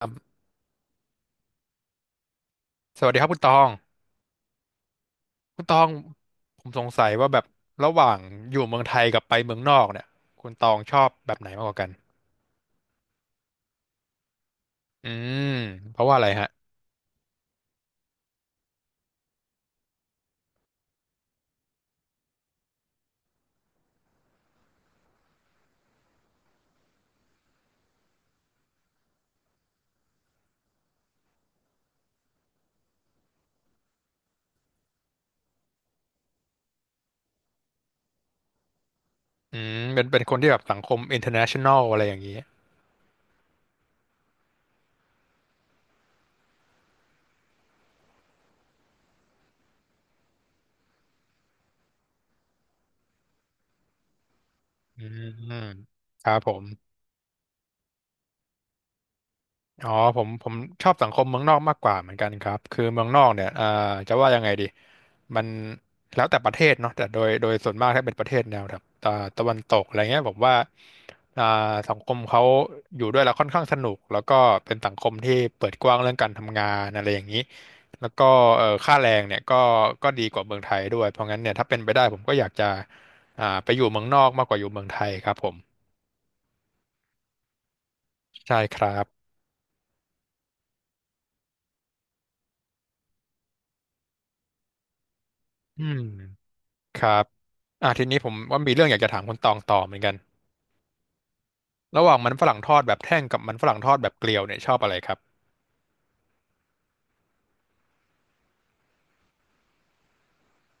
ครับสวัสดีครับคุณตอง คุณตองผมสงสัยว่าแบบระหว่างอยู่เมืองไทยกับไปเมืองนอกเนี่ย คุณตองชอบแบบไหนมากกว่ากันอืมเพราะว่าอะไรฮะอืมเป็นคนที่แบบสังคม international อะไรอย่างนี้อืมครับผม อ๋อผมชอบสังคมเมืองนอกมากกว่าเหมือนกันครับคือเมืองนอกเนี่ยจะว่ายังไงดีมันแล้วแต่ประเทศเนาะแต่โดยส่วนมากถ้าเป็นประเทศแนวแบบตะวันตกอะไรเงี้ยผมว่าอ่าสังคมเขาอยู่ด้วยแล้วค่อนข้างสนุกแล้วก็เป็นสังคมที่เปิดกว้างเรื่องการทำงานอะไรอย่างนี้แล้วก็ค่าแรงเนี่ยก็ดีกว่าเมืองไทยด้วยเพราะงั้นเนี่ยถ้าเป็นไปได้ผมก็อยากจะไปอยู่เมืองนอกมากกว่าอยู่เมืองไทยครับผมใช่ครับอืม ครับทีนี้ผมว่ามีเรื่องอยากจะถามคุณตองต่อเหมือนกัน ระหว่างมันฝรั่งทอดแบบแท่งกับมันฝรั่งทอดแบบเกลียวเนี่ยชอบอะไรครับ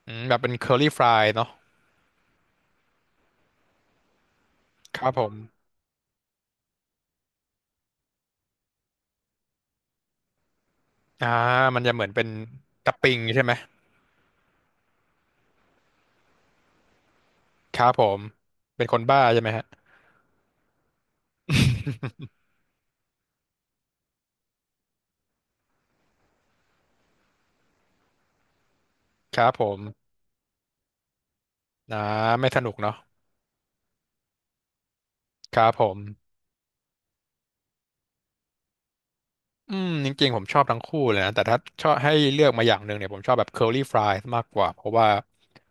อืมแบบเป็นเคอรี่ฟรายเนาะครับผมอ่ามันจะเหมือนเป็นตับปิงใช่ไหมครับผมเป็นคนบ้าใช่ไหมฮะครับผมอ่าไม่สนุกเนาะครับผม อืมจริงๆผมชอบทั้งคู่เลยนะแต่ถ้าชอบให้เลือกมาอย่างหนึ่งเนี่ยผมชอบแบบ curly fries มากกว่าเพราะว่า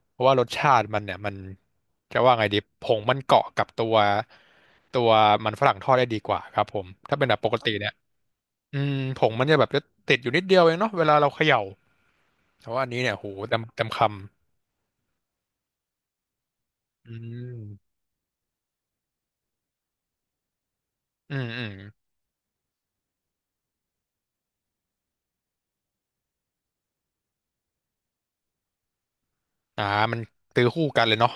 เพราะว่ารสชาติมันเนี่ยมันจะว่าไงดีผงมันเกาะกับตัวมันฝรั่งทอดได้ดีกว่าครับผมถ้าเป็นแบบปกติเนี่ยอืมผงมันจะแบบจะติดอยู่นิดเดียวเองเนาะเวลาเราเขย่าแต่ว่าอันนี้เนี่ยโหเต็มคำอืมอืมอืมอ่ามันซื้อคู่กันเลยเนาะ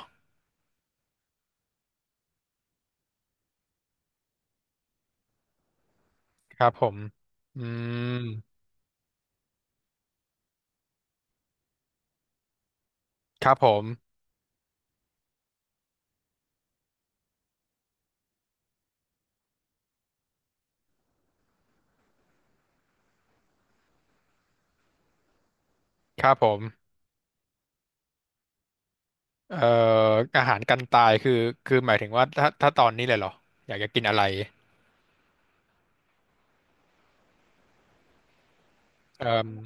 ครับผมอืมครับผมครับผม เอ่ออาหารกันตายคือคือหมายถึงว่าถ้าตอนนี้เลยเหรออยากจะกินอะไรเอ่อ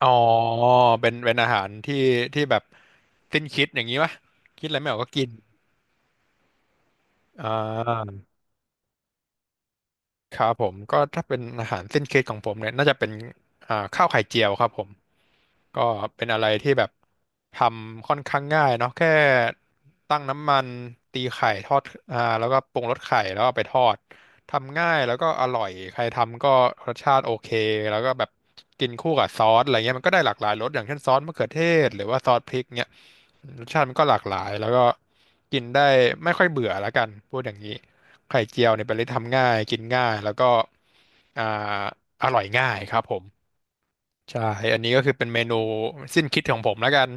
อ๋อเป็นอาหารที่ที่แบบสิ้นคิดอย่างนี้ปะคิดอะไรไม่ออกก็กินอ่าครับผมก็ถ้าเป็นอาหารสิ้นคิดของผมเนี่ยน่าจะเป็นข้าวไข่เจียวครับผม ก็เป็นอะไรที่แบบทำค่อนข้างง่ายเนาะแค่ตั้งน้ำมันตีไข่ทอดแล้วก็ปรุงรสไข่แล้วเอาไปทอดทำง่ายแล้วก็อร่อยใครทำก็รสชาติโอเคแล้วก็แบบกินคู่กับซอสอะไรเงี้ยมันก็ได้หลากหลายรสอย่างเช่นซอสมะเขือเทศหรือว่าซอสพริกเงี้ยรสชาติมันก็หลากหลายแล้วก็กินได้ไม่ค่อยเบื่อและกันพูดอย่างนี้ไข่เจียวเนี่ยเป็นอะไรที่ทำง่ายกินง่ายแล้วก็อ่าอร่อยง่ายครับผม ใช่อันนี้ก็คือเป็นเมนูสิ้นคิดของผมแล้วกัน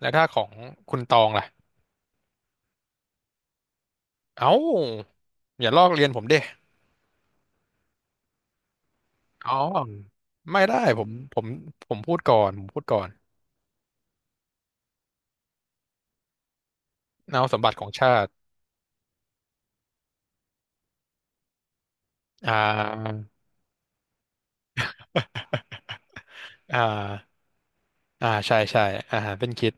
แล้วถ้าของคุณตองล่ะเอ้าอย่าลอกเรียนผมดิอ๋อไม่ได้ผมพูดก่อนผมพูดก่อนเอาสมบัติของชาติอ่า อ่าอ่าใช่ใช่อาหารเป็นคิด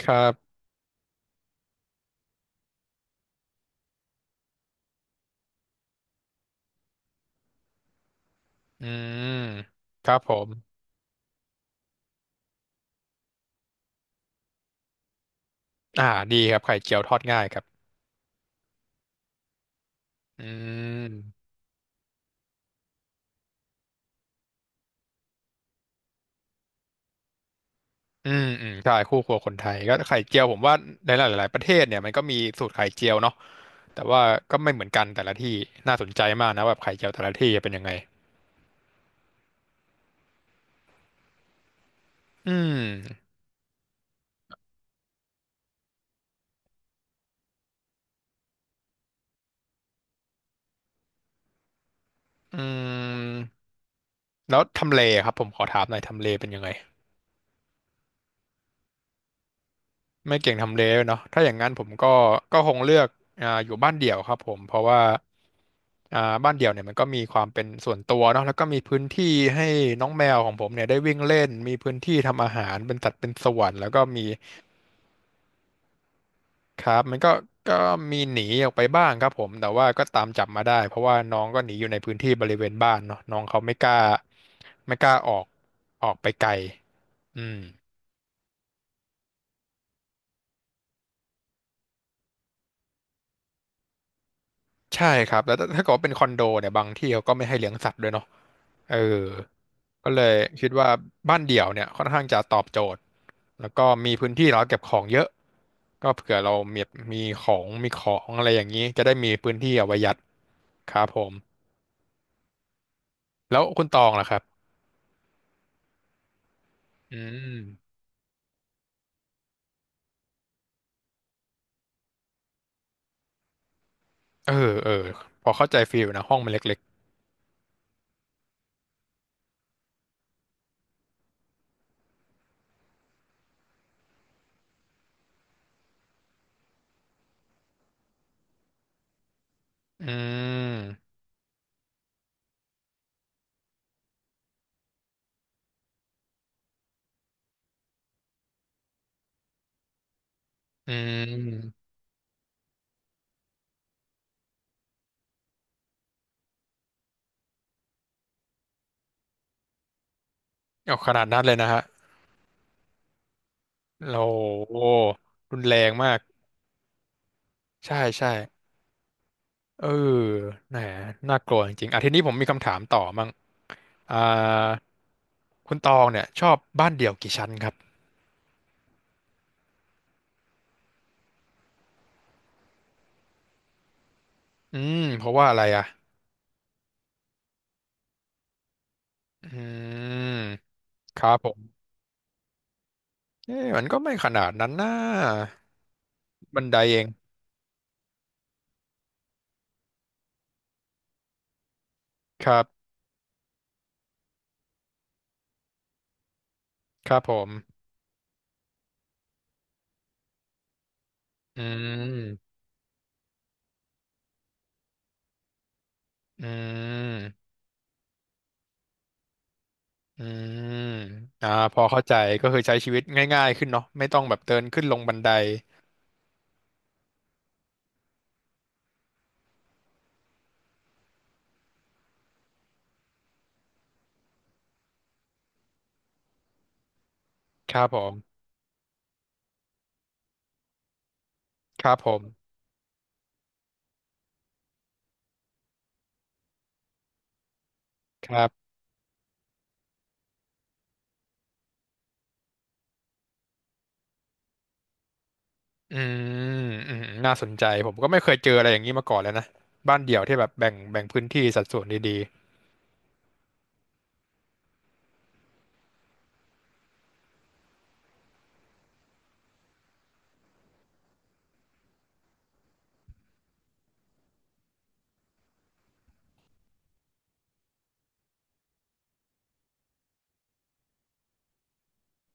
ครับอืมครับผมอ่าดีครับไข่เจียวทอดง่ายครับอืมอืมอืมใช่คู่ครัวคนไทยก็ไข่เจียวผมว่าในหลายๆประเทศเนี่ยมันก็มีสูตรไข่เจียวเนาะ แต่ว่าก็ไม่เหมือนกันแต่ละที่น่าสนใจมากนะแบบไข่เจียวแต่ละที่จะเป็นยังไงอืมอืมแล้วทำเลครับผมขอถามหน่อยทำเลเป็นยังไงไม่เก่งทำเลด้วยเนาะถ้าอย่างนั้นผมก็ก็คงเลือกอยู่บ้านเดี่ยวครับผมเพราะว่าบ้านเดี่ยวเนี่ยมันก็มีความเป็นส่วนตัวเนาะแล้วก็มีพื้นที่ให้น้องแมวของผมเนี่ยได้วิ่งเล่นมีพื้นที่ทำอาหารเป็นสัดเป็นส่วนแล้วก็มี ครับมันก็ก็มีหนีออกไปบ้างครับผมแต่ว่าก็ตามจับมาได้เพราะว่าน้องก็หนีอยู่ในพื้นที่บริเวณบ้านเนาะน้องเขาไม่กล้าออกออกไปไกลอืมใช่ครับแล้วถ้าเกิดว่าเป็นคอนโดเนี่ยบางที่เขาก็ไม่ให้เลี้ยงสัตว์ด้วยเนาะเออก็เลยคิดว่าบ้านเดี่ยวเนี่ยค่อนข้างจะตอบโจทย์แล้วก็มีพื้นที่เราเก็บของเยอะก็เผื่อเรามีมีของอะไรอย่างนี้จะได้มีพื้นที่เอาไว้ยัดครับผมแล้วคุณตองล่ะครับอืม เออเออพอเข้าใจฟีลนะห้องมันเล็กๆอืมอืมเอาขนาดนั้นเลยนะฮะเราโอ้รุนแรงมากใช่ใช่เออแหมน่ากลัวจริงๆอ่ะทีนี้ผมมีคำถามต่อมั่งอ่าคุณตองเนี่ยชอบบ้านเดี่ยวกี่ชั้นครับอืมเพราะว่าอะไรอ่ะอืมครับผมเอ๊ะมันก็ไม่ขนาดนั้นนะบันไดเองครับครับผมอืมอืม อืม พอเข้าใจก็คือใช้ชีวิตง่ายๆขึ้นเนาะไม่ต้องแบบเดินขึ้นลงบันไดครับผม ครับผมครับ อืม อืมน่าสนใจผมก็ไม่เคยเจออะไรอย่างนี้มาก่อนเลยนะ บ้านเดี่ยวที่แบบแบ่งพื้นที่สัดส่วนดี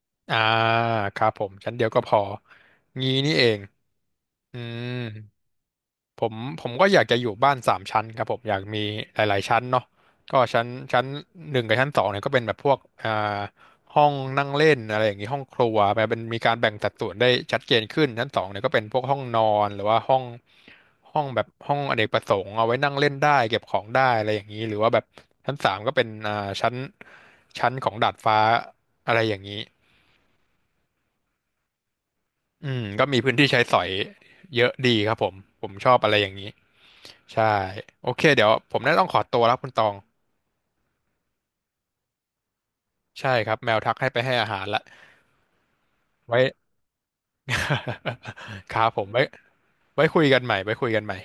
ๆ ครับผมชั้นเดียวก็พอ งี้นี่เองอืม ผมก็อยากจะอยู่บ้านสามชั้นครับผมอยากมีหลายๆชั้นเนาะก็ชั้นหนึ่งกับชั้นสองเนี่ยก็เป็นแบบพวกห้องนั่งเล่นอะไรอย่างนี้ห้องครัวแบบเป็นมีการแบ่งสัดส่วนได้ชัดเจนขึ้นชั้นสองเนี่ยก็เป็นพวกห้องนอนหรือว่าห้องแบบห้องอเนกประสงค์เอาไว้นั่งเล่นได้เก็บของได้อะไรอย่างนี้หรือว่าแบบชั้นสามก็เป็นชั้นชั้นของดาดฟ้าอะไรอย่างนี้อืมก็มีพื้นที่ใช้สอยเยอะดีครับผมผมชอบอะไรอย่างนี้ ใช่โอเคเดี๋ยวผมน่าต้องขอตัวแล้วคุณตองใช่ครับแมวทักให้ไปให้อาหารละไว้ ครับผมไว้ไว้คุยกันใหม่ไว้คุยกันใหม่